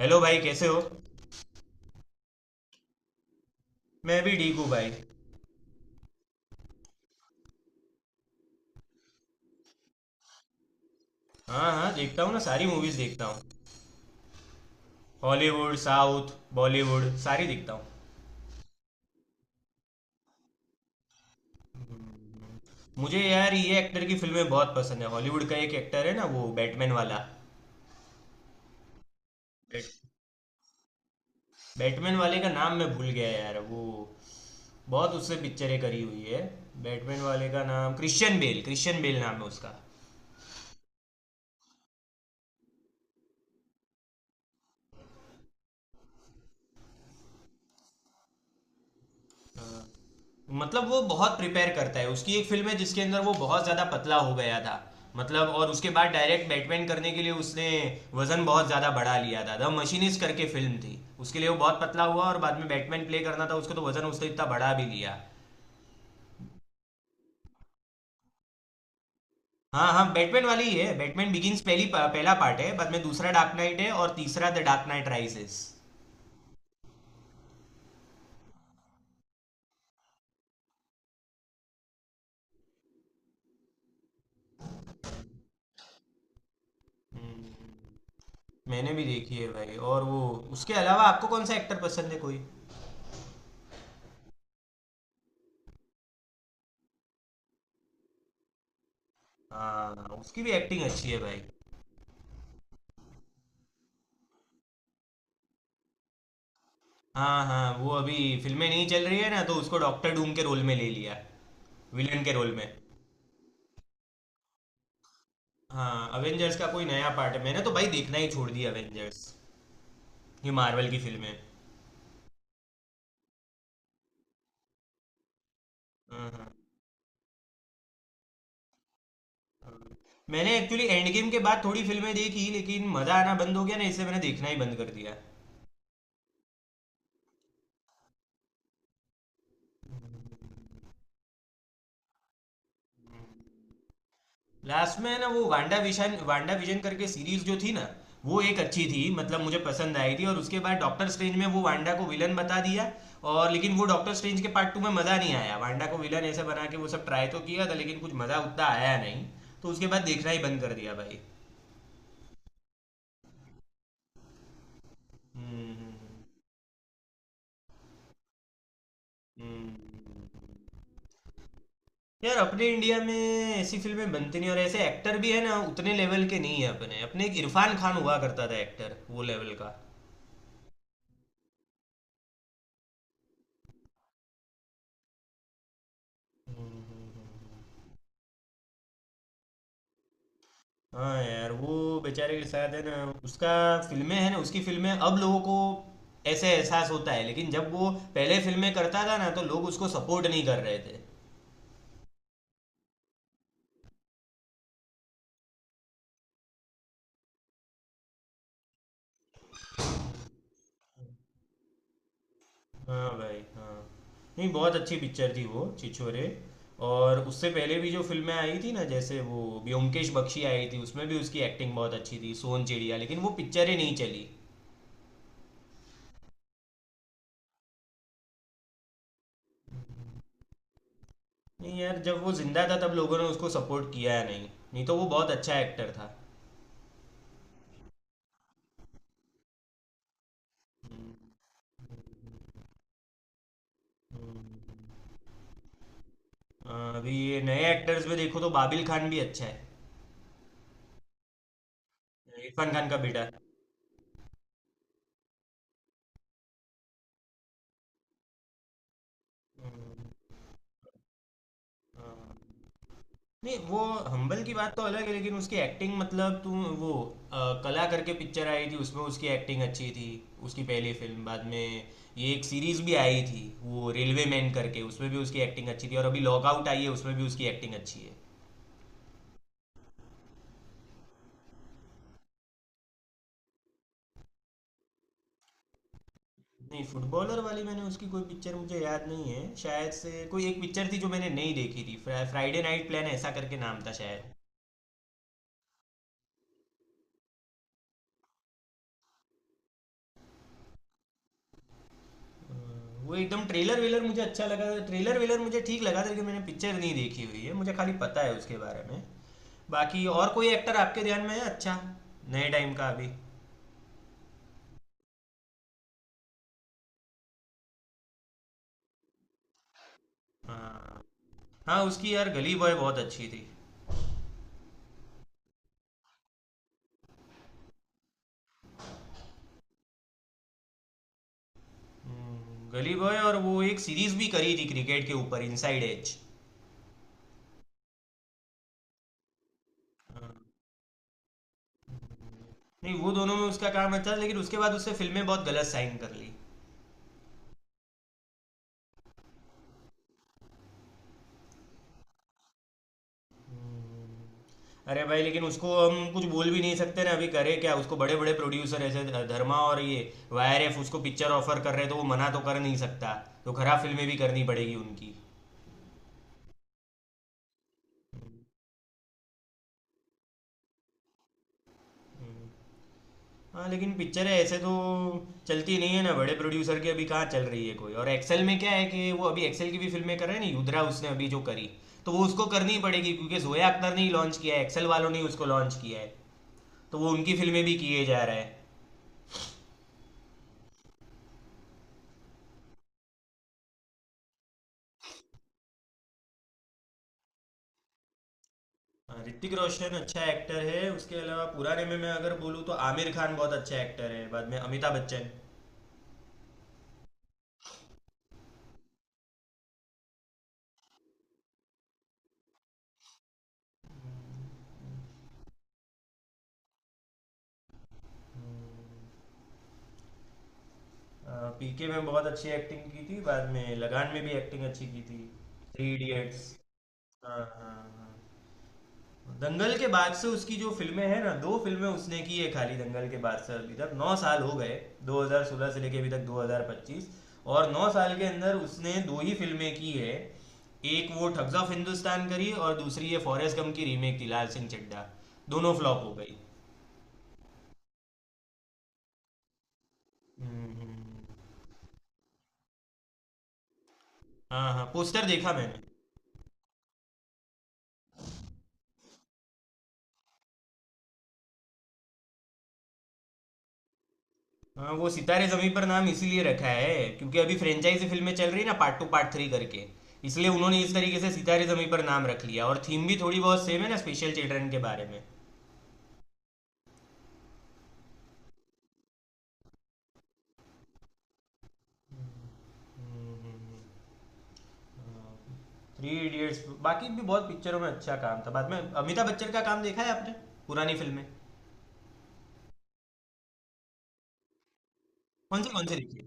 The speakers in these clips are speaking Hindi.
हेलो भाई, कैसे हो? मैं भी ठीक हूँ भाई। हाँ हाँ, देखता हूँ ना, सारी मूवीज़ देखता हूँ। हॉलीवुड, साउथ, बॉलीवुड सारी देखता हूँ। मुझे यार ये एक्टर की फिल्में बहुत पसंद है। हॉलीवुड का एक एक्टर है ना वो बैटमैन वाला। बैट, बैटमैन वाले का नाम मैं भूल गया यार वो। बहुत उससे पिक्चरें करी हुई है। बैटमैन वाले का नाम क्रिश्चियन बेल, क्रिश्चियन बेल नाम है उसका। मतलब वो बहुत प्रिपेयर करता है, उसकी एक फिल्म है जिसके अंदर वो बहुत ज्यादा पतला हो गया था। मतलब, और उसके बाद डायरेक्ट बैटमैन करने के लिए उसने वजन बहुत ज्यादा बढ़ा लिया था। द मशीनिस्ट करके फिल्म थी, उसके लिए वो बहुत पतला हुआ और बाद में बैटमैन प्ले करना था उसको तो वजन उसने इतना बढ़ा भी लिया। हाँ हाँ, बैटमैन वाली ही है। बैटमैन बिगिंस पहली पहला पार्ट है, बाद में दूसरा डार्क नाइट है और तीसरा द डार्क नाइट राइजेस। मैंने भी देखी है भाई। और वो, उसके अलावा आपको कौन सा एक्टर पसंद है कोई? हाँ, उसकी भी एक्टिंग अच्छी है भाई। हाँ हाँ, वो अभी फिल्में नहीं चल रही है ना तो उसको डॉक्टर डूम के रोल में ले लिया, विलन के रोल में। हाँ, अवेंजर्स का कोई नया पार्ट है। मैंने तो भाई देखना ही छोड़ दिया अवेंजर्स, ये मार्वल की फिल्में। हाँ, हाँ। मैंने एक्चुअली एंड गेम के बाद थोड़ी फिल्में देखी लेकिन मज़ा आना बंद हो गया ना, इससे मैंने देखना ही बंद कर दिया। लास्ट में ना वो वांडा विशन, वांडा विजन करके सीरीज जो थी ना, वो एक अच्छी थी, मतलब मुझे पसंद आई थी। और उसके बाद डॉक्टर स्ट्रेंज में वो वांडा को विलन बता दिया। और लेकिन वो डॉक्टर स्ट्रेंज के पार्ट 2 में मज़ा नहीं आया, वांडा को विलन ऐसे बना के वो सब ट्राई तो किया था लेकिन कुछ मज़ा उतना आया नहीं। तो उसके बाद देखना ही बंद कर दिया भाई। हम्म, हम्म। यार अपने इंडिया में ऐसी फिल्में बनती नहीं, और ऐसे एक्टर भी है ना उतने लेवल के नहीं है अपने। अपने एक इरफान खान हुआ करता था एक्टर, वो लेवल का। हम्म, हम्म, हम्म। हाँ यार वो बेचारे के साथ है ना। उसका फिल्में है ना, उसकी फिल्में अब लोगों को ऐसे एहसास होता है लेकिन जब वो पहले फिल्में करता था ना तो लोग उसको सपोर्ट नहीं कर रहे थे। हाँ भाई, हाँ। नहीं, बहुत अच्छी पिक्चर थी वो छिछोरे। और उससे पहले भी जो फिल्में आई थी ना, जैसे वो ब्योमकेश बख्शी आई थी उसमें भी उसकी एक्टिंग बहुत अच्छी थी, सोन चिड़िया। लेकिन वो पिक्चर ही नहीं चली। नहीं यार, जब वो जिंदा था तब लोगों ने उसको सपोर्ट किया नहीं। नहीं तो वो बहुत अच्छा एक्टर था। हम्म। अ, अभी ये नए एक्टर्स में देखो तो बाबिल खान भी अच्छा है। इरफान खान का बेटा। हम्म, हाँ। नहीं वो, हम्बल की बात तो अलग है लेकिन उसकी एक्टिंग, मतलब तुम वो कला करके पिक्चर आई थी उसमें उसकी एक्टिंग अच्छी थी। उसकी पहली फिल्म। बाद में ये एक सीरीज भी आई थी वो रेलवे मैन करके, उसमें भी उसकी एक्टिंग अच्छी थी। और अभी लॉकआउट आई है, उसमें भी उसकी एक्टिंग अच्छी है। नहीं, फुटबॉलर वाली मैंने उसकी कोई पिक्चर मुझे याद नहीं है। शायद से कोई एक पिक्चर थी जो मैंने नहीं देखी थी, फ्राइडे नाइट प्लान ऐसा करके नाम था शायद। वो एकदम ट्रेलर वेलर मुझे अच्छा लगा था, ट्रेलर वेलर मुझे ठीक लगा था लेकिन मैंने पिक्चर नहीं देखी हुई है, मुझे खाली पता है उसके बारे में। बाकी और कोई एक्टर आपके ध्यान में है अच्छा, नए टाइम का अभी? हाँ हाँ, उसकी यार गली बॉय बहुत अच्छी थी। गली बॉय और वो एक सीरीज भी करी थी क्रिकेट के ऊपर, इनसाइड एज। नहीं वो दोनों में उसका काम अच्छा था लेकिन उसके बाद उसने फिल्में बहुत गलत साइन कर ली। हम्म। अरे भाई लेकिन उसको हम कुछ बोल भी नहीं सकते ना, अभी करे क्या, उसको बड़े बड़े प्रोड्यूसर ऐसे धर्मा और ये वाईआरएफ उसको पिक्चर ऑफर कर रहे हैं तो वो मना तो कर नहीं सकता। तो खराब फिल्में भी करनी पड़ेगी उनकी। हम्म। हाँ लेकिन पिक्चर है ऐसे तो चलती नहीं है ना, बड़े प्रोड्यूसर की अभी कहाँ चल रही है कोई? और एक्सेल में क्या है कि वो अभी एक्सेल की भी फिल्में कर रहे हैं ना, युद्रा उसने अभी जो करी। तो वो उसको करनी पड़ेगी क्योंकि जोया अख्तर ने ही लॉन्च किया है, एक्सेल वालों ने ही उसको लॉन्च किया है, तो वो उनकी फिल्में भी किए जा रहा है। हाँ, ऋतिक रोशन अच्छा एक्टर है। उसके अलावा पुराने में मैं अगर बोलूँ तो आमिर खान बहुत अच्छा एक्टर है, बाद में अमिताभ बच्चन। हम्म, पीके में बहुत अच्छी एक्टिंग की थी, बाद में लगान में भी एक्टिंग अच्छी की थी। Three idiots. हाँ हाँ हाँ, दंगल के बाद से उसकी जो फिल्में हैं ना, दो फिल्में उसने की है खाली दंगल के बाद से अभी तक। 9 साल हो गए, 2016 से लेके अभी तक 2025, और 9 साल के अंदर उसने दो ही फिल्में की है। एक वो ठग्स ऑफ हिंदुस्तान करी और दूसरी ये फॉरेस्ट गम की रीमेक थी लाल सिंह चड्ढा। दोनों फ्लॉप हो गई। हम्म, हम्म, हम्म। हाँ हाँ, पोस्टर देखा मैंने। हाँ वो सितारे जमी पर नाम इसीलिए रखा है क्योंकि अभी फ्रेंचाइजी फिल्में चल रही है ना, पार्ट 2 पार्ट 3 करके, इसलिए उन्होंने इस तरीके से सितारे जमी पर नाम रख लिया। और थीम भी थोड़ी बहुत सेम है ना, स्पेशल चिल्ड्रन के बारे में। थ्री इडियट्स, बाकी भी बहुत पिक्चरों में अच्छा काम था। बाद में अमिताभ बच्चन का काम देखा है आपने, पुरानी फिल्में? कौन सी देखी है?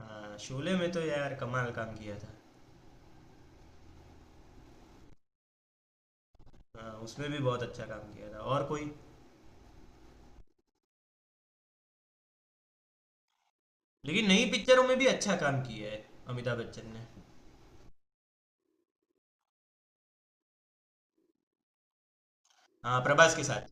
हाँ, शोले में तो यार कमाल काम किया था। हाँ, उसमें भी बहुत अच्छा काम किया था। और कोई, लेकिन नई पिक्चरों में भी अच्छा काम किया है अमिताभ बच्चन ने। हाँ, प्रभास के साथ।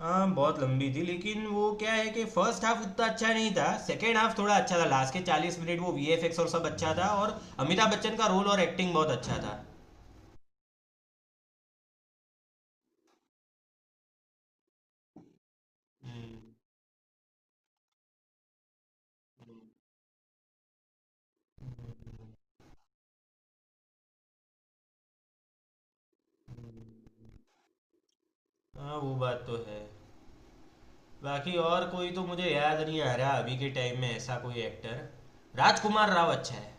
हाँ बहुत लंबी थी लेकिन वो क्या है कि फर्स्ट हाफ उतना अच्छा नहीं था, सेकेंड हाफ थोड़ा अच्छा था, लास्ट के 40 मिनट वो वीएफएक्स और सब अच्छा था और अमिताभ बच्चन का रोल और एक्टिंग बहुत अच्छा था। हम्म, हाँ वो बात तो है। बाकी और कोई तो मुझे याद नहीं आ रहा अभी के टाइम में, ऐसा कोई एक्टर। राजकुमार राव अच्छा है,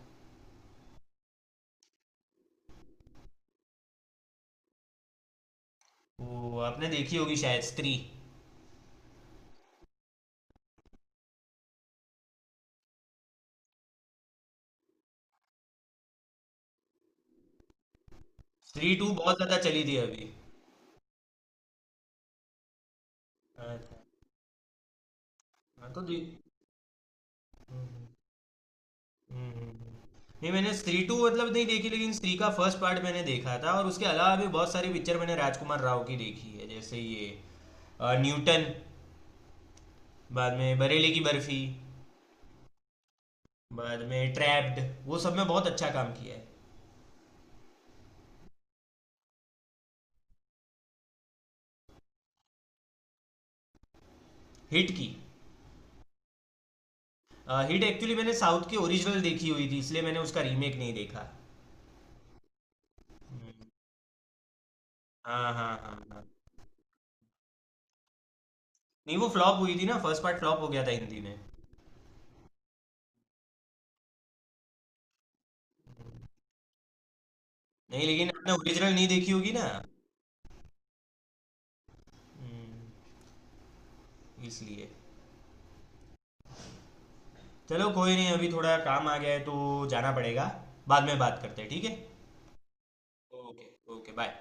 वो आपने देखी होगी शायद, स्त्री। स्त्री 2 बहुत ज़्यादा चली थी अभी। अच्छा। हाँ तो हम्म, हम्म, नहीं मैंने स्त्री 2 मतलब नहीं देखी लेकिन स्त्री का फर्स्ट पार्ट मैंने देखा था। और उसके अलावा भी बहुत सारी पिक्चर मैंने राजकुमार राव की देखी है जैसे ये न्यूटन, बाद में बरेली की बर्फी, बाद में ट्रैप्ड, वो सब में बहुत अच्छा काम किया है। हिट की हिट एक्चुअली मैंने साउथ की ओरिजिनल देखी हुई थी इसलिए मैंने उसका रीमेक नहीं देखा। हम्म, हाँ हाँ हाँ हाँ। नहीं वो फ्लॉप हुई थी ना, फर्स्ट पार्ट फ्लॉप हो गया था हिंदी में। नहीं लेकिन आपने ओरिजिनल नहीं देखी होगी ना। हम्म, इसलिए। चलो कोई नहीं, अभी थोड़ा काम आ गया है तो जाना पड़ेगा, बाद में बात करते हैं, ठीक है? ओके। Okay, bye.